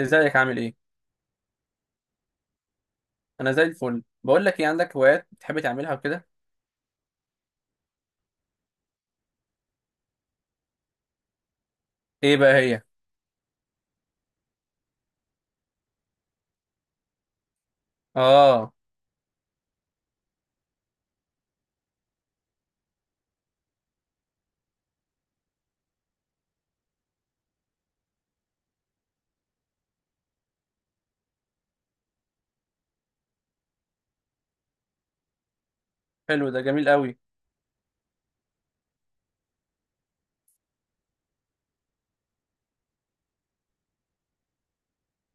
ازيك؟ عامل ايه؟ انا زي الفل. بقول لك ايه، عندك هوايات بتحب تعملها وكده؟ ايه بقى هي؟ اه، حلو، ده جميل قوي.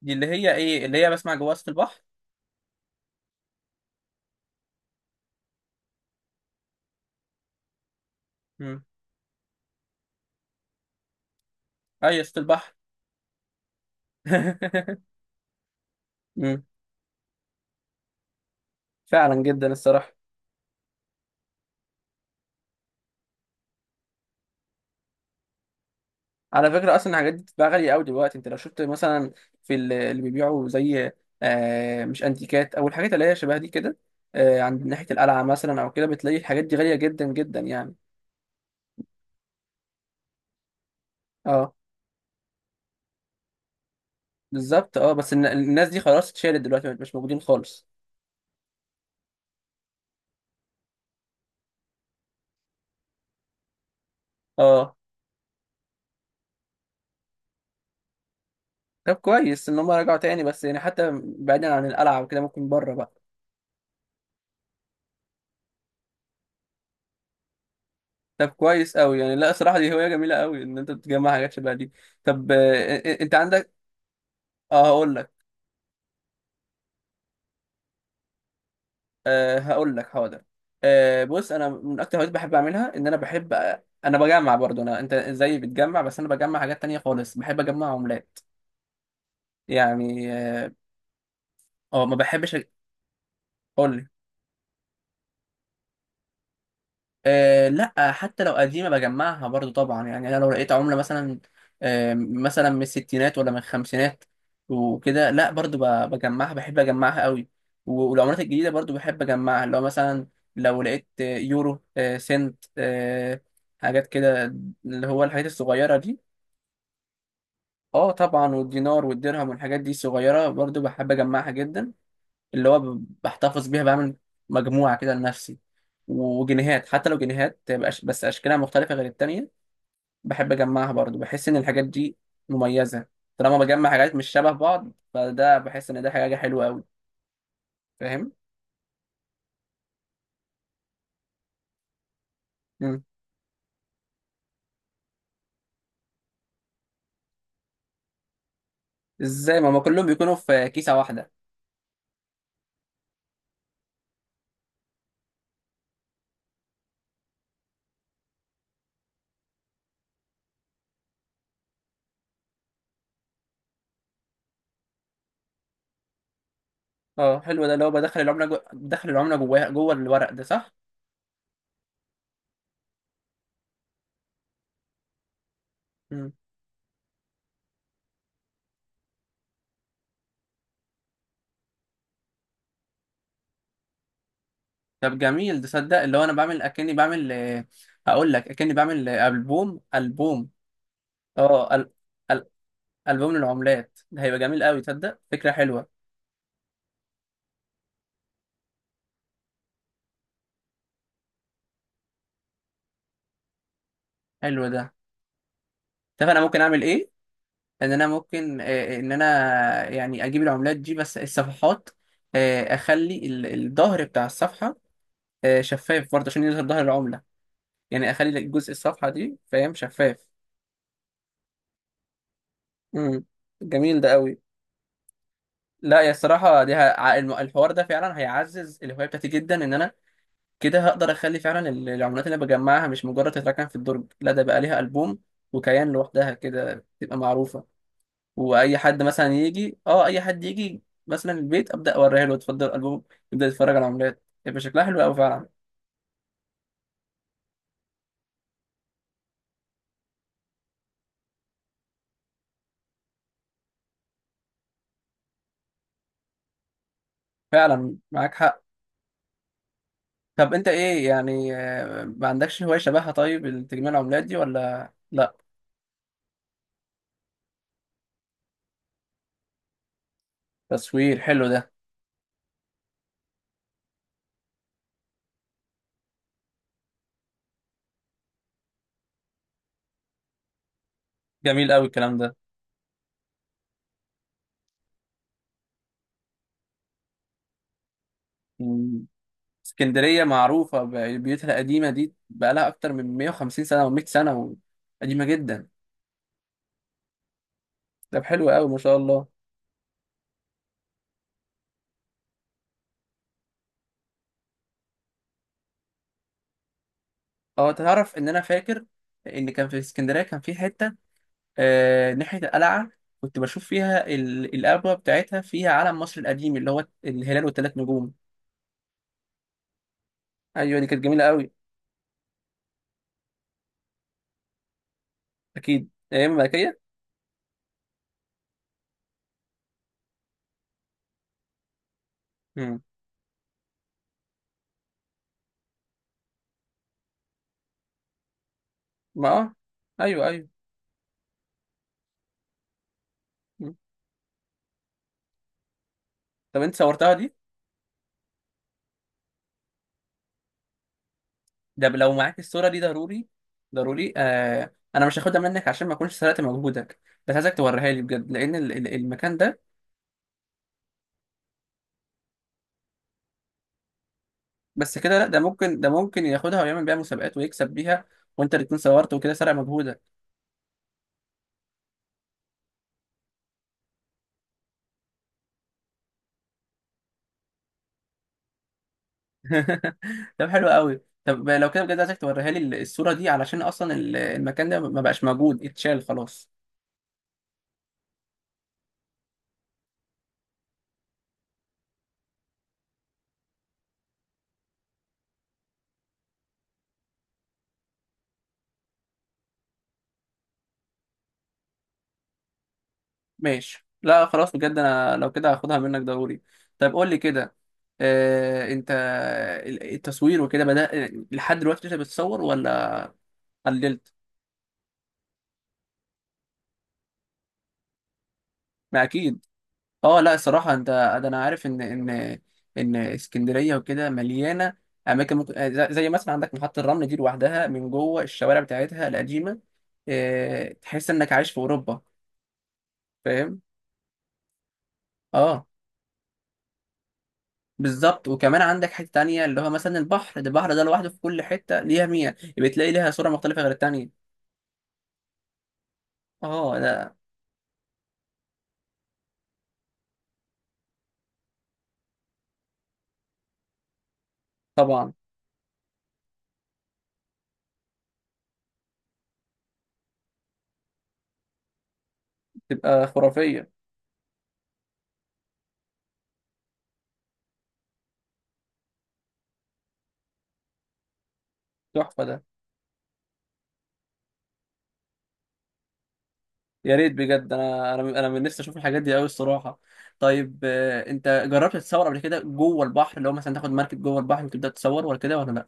دي اللي هي ايه، اللي هي بسمع جوا وسط البحر؟ امم. اي وسط البحر. امم. فعلا جدا الصراحه. على فكره، اصلا الحاجات دي بتبقى غاليه قوي دلوقتي، انت لو شفت مثلا اللي بيبيعوا زي، مش انتيكات، او الحاجات اللي هي شبه دي كده، عند ناحيه القلعه مثلا او كده بتلاقي الحاجات دي غاليه جدا جدا يعني. اه. بالظبط. اه، بس الناس دي خلاص اتشالت دلوقتي، مش موجودين خالص. اه. طب كويس ان هم رجعوا تاني، بس يعني حتى بعيدا عن القلعه وكده ممكن بره بقى. طب كويس قوي يعني، لا صراحه دي هوايه جميله قوي ان انت تجمع حاجات شبه دي. طب، انت عندك. اه، هقول لك حاضر. بص، انا من اكتر الهوايات بحب اعملها، ان انا بحب، انا بجمع برضو، انا انت زيي بتجمع، بس انا بجمع حاجات تانية خالص، بحب اجمع عملات. يعني اه. ما بحبش اقول. أه لا، حتى لو قديمة بجمعها برضو طبعا يعني، أنا لو لقيت عملة مثلا أه مثلا من الستينات ولا من الخمسينات وكده، لا برضو بجمعها، بحب أجمعها قوي. و- والعملات الجديدة برضو بحب أجمعها، لو مثلا لو لقيت يورو، أه سنت، أه حاجات كده، اللي هو الحاجات الصغيرة دي. اه طبعا، والدينار والدرهم والحاجات دي الصغيرة برضو بحب أجمعها جدا. اللي هو بحتفظ بيها، بعمل مجموعة كده لنفسي. وجنيهات، حتى لو جنيهات تبقى بس أشكالها مختلفة غير التانية، بحب أجمعها برضو. بحس إن الحاجات دي مميزة. طالما بجمع حاجات مش شبه بعض فده بحس إن ده حاجة حلوة أوي. فاهم؟ مم. إزاي، ما هما كلهم بيكونوا في كيسة واحدة؟ أه حلو ده، اللي هو بدخل العملة بدخل العملة جواها جوه الورق ده، صح؟ مم. طب جميل، تصدق اللي هو أنا بعمل، أكني بعمل، آه، هقول لك أكني بعمل آه، ألبوم ألبوم. أه، ألبوم للعملات ده هيبقى جميل قوي، تصدق فكرة حلوة. حلو ده. طب أنا ممكن أعمل إيه؟ إن أنا ممكن، إن أنا يعني أجيب العملات دي، بس الصفحات أخلي الظهر بتاع الصفحة شفاف برضه عشان يظهر ظهر العملة. يعني أخلي جزء الصفحة دي، فاهم، شفاف. امم. جميل ده قوي. لا يا الصراحة دي، الحوار ده فعلا هيعزز الهواية بتاعتي جدا. إن أنا كده هقدر أخلي فعلا العملات اللي أنا بجمعها مش مجرد تتركن في الدرج، لا ده بقى ليها ألبوم وكيان لوحدها كده، تبقى معروفة. واي حد مثلا يجي، اه، اي حد يجي مثلا البيت، ابدا اوريها له، اتفضل الالبوم، يبدا يتفرج على عملات، يبقى شكلها حلو قوي فعلا. فعلا معاك حق. طب انت ايه يعني، ما عندكش هوايه شبهها، طيب؟ تجميع العملات دي ولا لا. تصوير، حلو ده. جميل قوي الكلام ده. مم. اسكندريه معروفه ببيوتها القديمه دي، بقالها اكتر من 150 سنه و100 سنه و-، قديمه جدا. طب حلو قوي، ما شاء الله. اه تعرف ان انا فاكر ان كان في اسكندريه كان في حته، ناحية القلعة، كنت بشوف فيها القبوة بتاعتها فيها علم مصر القديم اللي هو الهلال والثلاث نجوم. أيوة دي كانت جميلة قوي. أكيد أيام الملكية. مم. ما أه. أيوة أيوة. مم. طب أنت صورتها دي؟ ده لو معاك الصورة دي ضروري ضروري، آه أنا مش هاخدها منك عشان ما أكونش سرقت مجهودك، بس عايزك توريها لي بجد لأن المكان ده. بس كده، لا ده ممكن، ده ممكن ياخدها ويعمل بيها مسابقات ويكسب بيها، وأنت اللي تكون صورت وكده، سرق مجهودك. طب حلو قوي، طب لو كده بجد عايزك توريها لي الصورة دي، علشان أصلا المكان ده ما بقاش موجود، اتشال خلاص. ماشي، لا خلاص، بجد أنا لو كده هاخدها منك ضروري. طب قول لي كده، آه أنت التصوير وكده بدأ، لحد دلوقتي أنت بتصور ولا قللت؟ ما أكيد. اه لا الصراحه انت، ده انا عارف ان اسكندريه وكده مليانه اماكن، ممكن زي زي مثلا عندك محطه الرمل دي لوحدها، من جوه الشوارع بتاعتها القديمه، تحس انك عايش في اوروبا. فاهم. اه بالظبط، وكمان عندك حته تانية اللي هو مثلا البحر ده، البحر ده لوحده في كل حته ليها مية، بتلاقي ليها صوره مختلفه غير التانية. اه لا طبعا. تبقى خرافيه. تحفه ده. يا ريت بجد، انا انا انا من نفسي اشوف الحاجات دي قوي الصراحه. طيب انت جربت تتصور قبل كده جوه البحر، اللي هو مثلا تاخد مركب جوه البحر وتبدا تصور، ولا كده ولا لا؟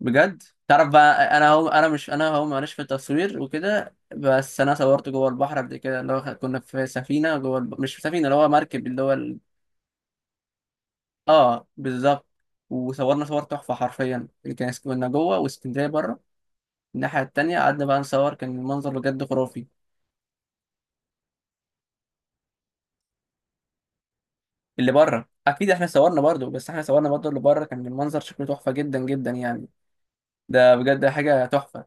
بجد، تعرف بقى انا هو، انا مش، انا هو، معلش في التصوير وكده، بس انا صورت جوه البحر قبل كده، اللي هو كنا في سفينه جوه مش في سفينه، اللي هو مركب، اللي هو ال... اه بالظبط. وصورنا صور تحفه حرفيا، اللي كان كنا جوه واسكندريه بره، الناحيه التانيه، قعدنا بقى نصور، كان المنظر بجد خرافي. اللي بره اكيد، احنا صورنا برضو، بس احنا صورنا برضو اللي بره، كان المنظر شكله تحفه جدا جدا يعني. ده بجد حاجه تحفه.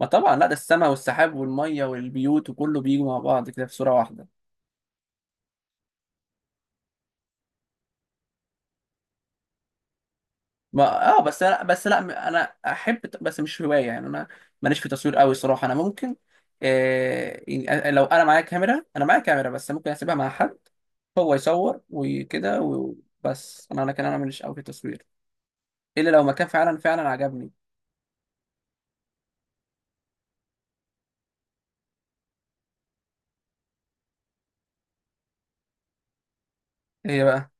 ما طبعا، لا ده السماء والسحاب والميه والبيوت وكله بيجوا مع بعض كده في صوره واحده. ما بس لا، بس لا انا احب، بس مش هوايه يعني، انا ماليش في تصوير قوي صراحه. انا ممكن، آه يعني لو انا معايا كاميرا، انا معايا كاميرا بس ممكن اسيبها مع حد، هو يصور وكده وبس. انا انا كان انا ماليش قوي في التصوير، الا لو مكان فعلا فعلا عجبني. ايه بقى؟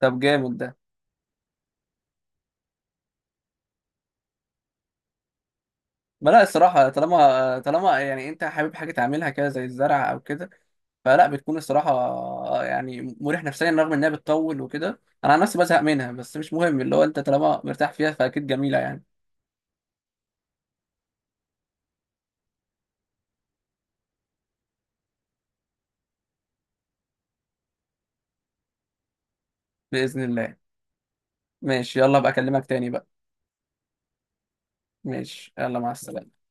طب جامد ده. ما لا الصراحة، طالما طالما يعني انت حابب حاجة تعملها كده زي الزرع او كده، فلا بتكون الصراحة يعني مريح نفسيا، رغم انها بتطول وكده انا عن نفسي بزهق منها، بس مش مهم، اللي هو انت طالما مرتاح فيها فاكيد جميلة يعني. بإذن الله. ماشي، يلا بقى اكلمك تاني بقى. ماشي، يلا، مع السلامة.